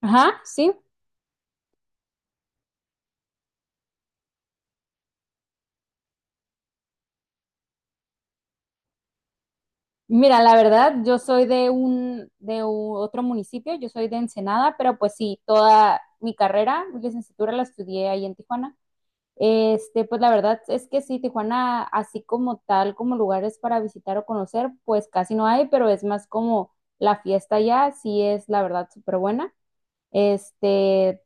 Ajá, sí. Mira, la verdad, yo soy de otro municipio, yo soy de Ensenada, pero pues sí, toda mi carrera, mi licenciatura la estudié ahí en Tijuana. Pues la verdad es que sí, Tijuana, así como tal, como lugares para visitar o conocer, pues casi no hay, pero es más como la fiesta allá, sí es la verdad súper buena. Este,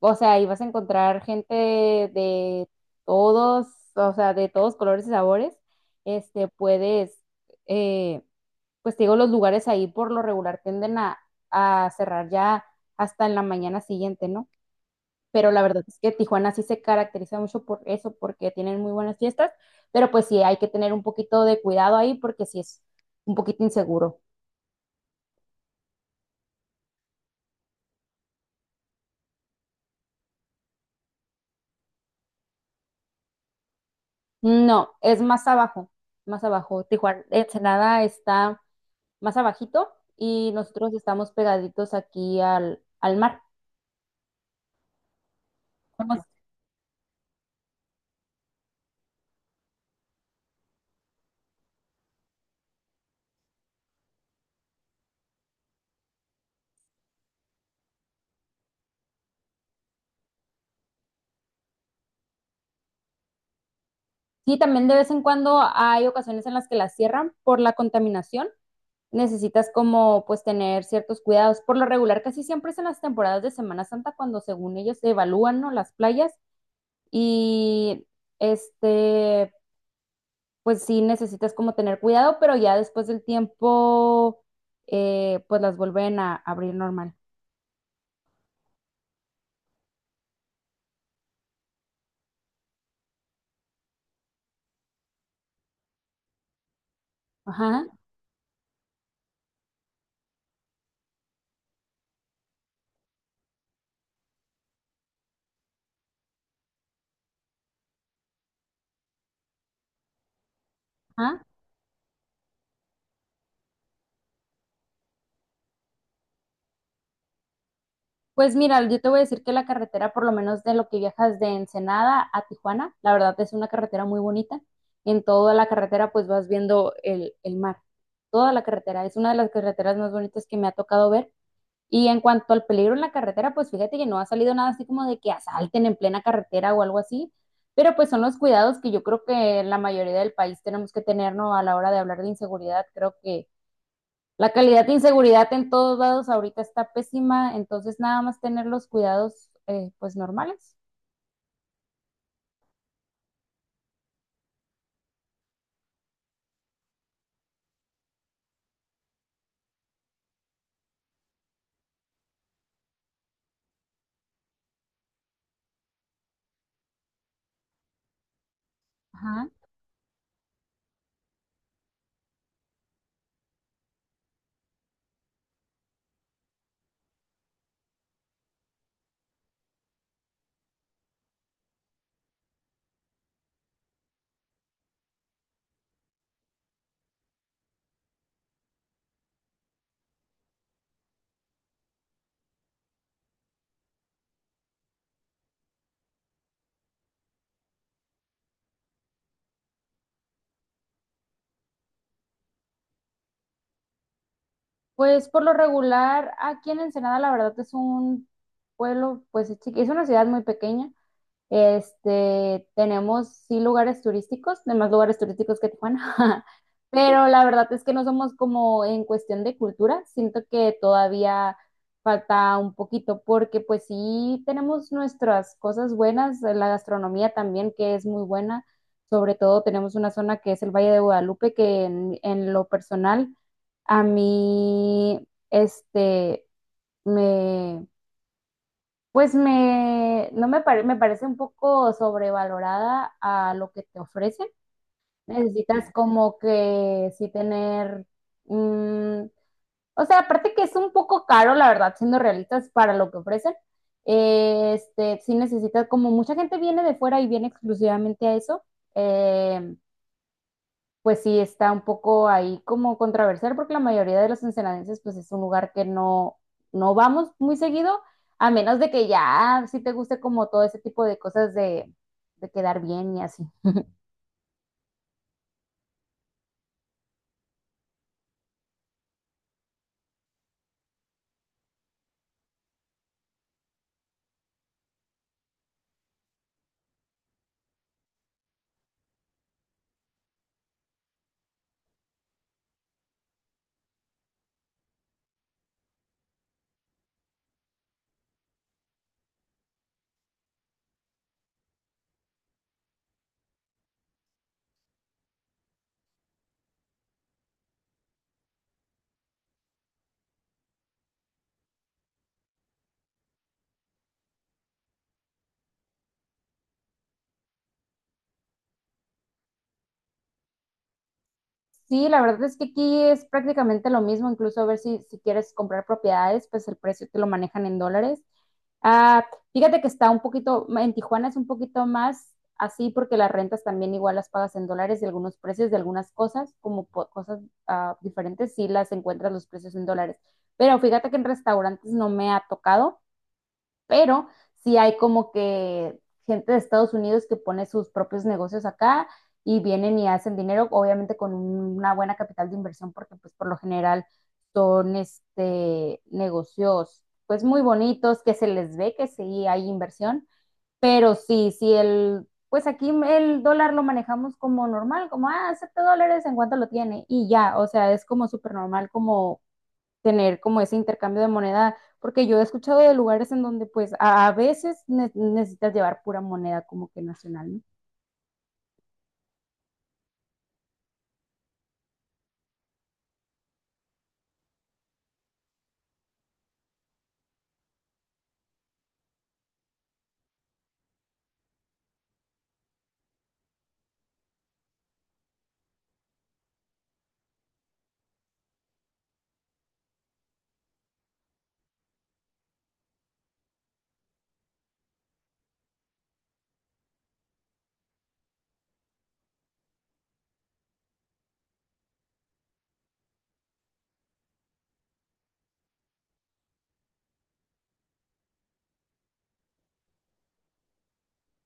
O sea, ahí vas a encontrar gente de todos, o sea, de todos colores y sabores. Este, puedes, eh, pues te digo, los lugares ahí por lo regular tienden a cerrar ya hasta en la mañana siguiente, ¿no? Pero la verdad es que Tijuana sí se caracteriza mucho por eso, porque tienen muy buenas fiestas, pero pues sí hay que tener un poquito de cuidado ahí porque sí es un poquito inseguro. No, es más abajo, más abajo. Tijuana, Ensenada está más abajito y nosotros estamos pegaditos aquí al mar. Vamos. Sí, también de vez en cuando hay ocasiones en las que las cierran por la contaminación. Necesitas como pues tener ciertos cuidados. Por lo regular, casi siempre es en las temporadas de Semana Santa cuando según ellos se evalúan, ¿no?, las playas y este, pues sí necesitas como tener cuidado, pero ya después del tiempo pues las vuelven a abrir normal. Ajá, ajá. Pues mira, yo te voy a decir que la carretera, por lo menos de lo que viajas de Ensenada a Tijuana, la verdad es una carretera muy bonita. En toda la carretera pues vas viendo el mar. Toda la carretera es una de las carreteras más bonitas que me ha tocado ver. Y en cuanto al peligro en la carretera, pues fíjate que no ha salido nada así como de que asalten en plena carretera o algo así. Pero pues son los cuidados que yo creo que la mayoría del país tenemos que tener, ¿no? A la hora de hablar de inseguridad, creo que la calidad de inseguridad en todos lados ahorita está pésima, entonces nada más tener los cuidados, pues normales. Ajá. Pues por lo regular, aquí en Ensenada la verdad es un pueblo, pues es es una ciudad muy pequeña. Tenemos sí lugares turísticos, demás lugares turísticos que Tijuana, pero la verdad es que no somos como en cuestión de cultura, siento que todavía falta un poquito porque pues sí tenemos nuestras cosas buenas, la gastronomía también que es muy buena, sobre todo tenemos una zona que es el Valle de Guadalupe que en lo personal a mí este me pues me, no me, pare- me parece un poco sobrevalorada a lo que te ofrecen. Necesitas como que sí tener, mm, o sea, aparte que es un poco caro, la verdad, siendo realistas para lo que ofrecen. Sí necesitas, como mucha gente viene de fuera y viene exclusivamente a eso. em, pues sí está un poco ahí como controversial porque la mayoría de los ensenadenses pues es un lugar que no, no vamos muy seguido, a menos de que ya sí te guste como todo ese tipo de cosas de quedar bien y así. Sí, la verdad es que aquí es prácticamente lo mismo, incluso a ver si, si quieres comprar propiedades, pues el precio te lo manejan en dólares. Ah, fíjate que está un poquito, en Tijuana es un poquito más así porque las rentas también igual las pagas en dólares y algunos precios de algunas cosas, como cosas diferentes, sí las encuentras los precios en dólares. Pero fíjate que en restaurantes no me ha tocado, pero sí hay como que gente de Estados Unidos que pone sus propios negocios acá y vienen y hacen dinero, obviamente con una buena capital de inversión, porque pues por lo general son este negocios pues muy bonitos, que se les ve que sí hay inversión, pero sí, sí el, pues aquí el dólar lo manejamos como normal, como, ah, 7 dólares en cuánto lo tiene y ya, o sea, es como súper normal como tener como ese intercambio de moneda, porque yo he escuchado de lugares en donde pues a veces necesitas llevar pura moneda como que nacional, ¿no?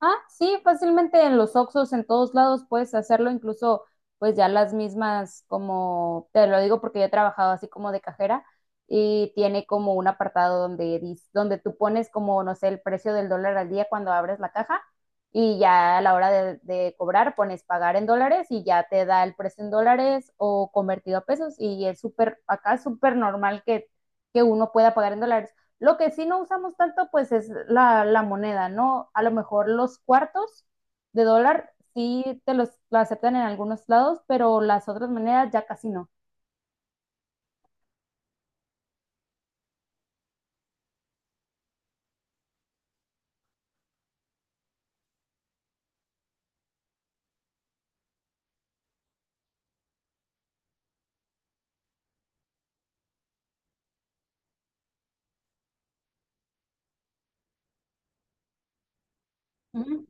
Ah, sí, fácilmente en los Oxxos, en todos lados puedes hacerlo, incluso pues ya las mismas, como te lo digo porque yo he trabajado así como de cajera y tiene como un apartado donde, donde tú pones como, no sé, el precio del dólar al día cuando abres la caja y ya a la hora de cobrar pones pagar en dólares y ya te da el precio en dólares o convertido a pesos y es súper, acá es súper normal que uno pueda pagar en dólares. Lo que sí no usamos tanto, pues es la moneda, ¿no? A lo mejor los cuartos de dólar sí te los lo aceptan en algunos lados, pero las otras monedas ya casi no. Ujú.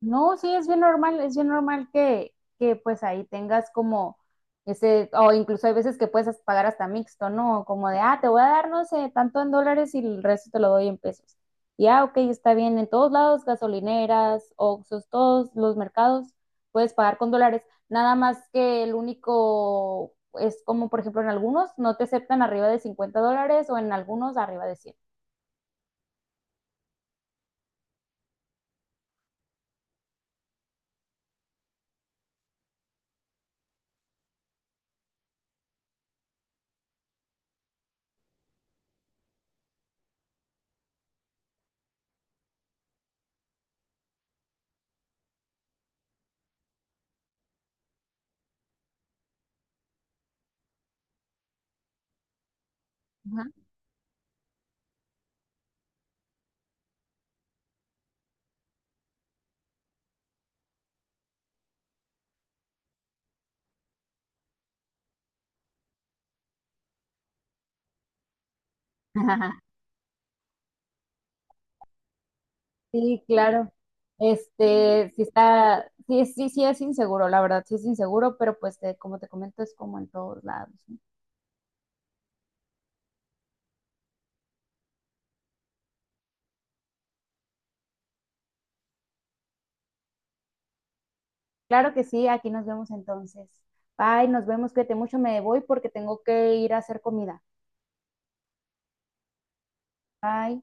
No, sí, es bien normal que pues ahí tengas como ese, o incluso hay veces que puedes pagar hasta mixto, ¿no? Como de, ah, te voy a dar, no sé, tanto en dólares y el resto te lo doy en pesos. Y ah, ok, está bien, en todos lados, gasolineras, Oxxos, todos los mercados, puedes pagar con dólares. Nada más que el único es como, por ejemplo, en algunos no te aceptan arriba de $50 o en algunos arriba de 100. Ajá. Sí, claro. Sí está, sí, sí, sí es inseguro, la verdad, sí es inseguro, pero pues como te comento, es como en todos lados, ¿no? Claro que sí, aquí nos vemos entonces. Bye, nos vemos, cuídate mucho, me voy porque tengo que ir a hacer comida. Bye.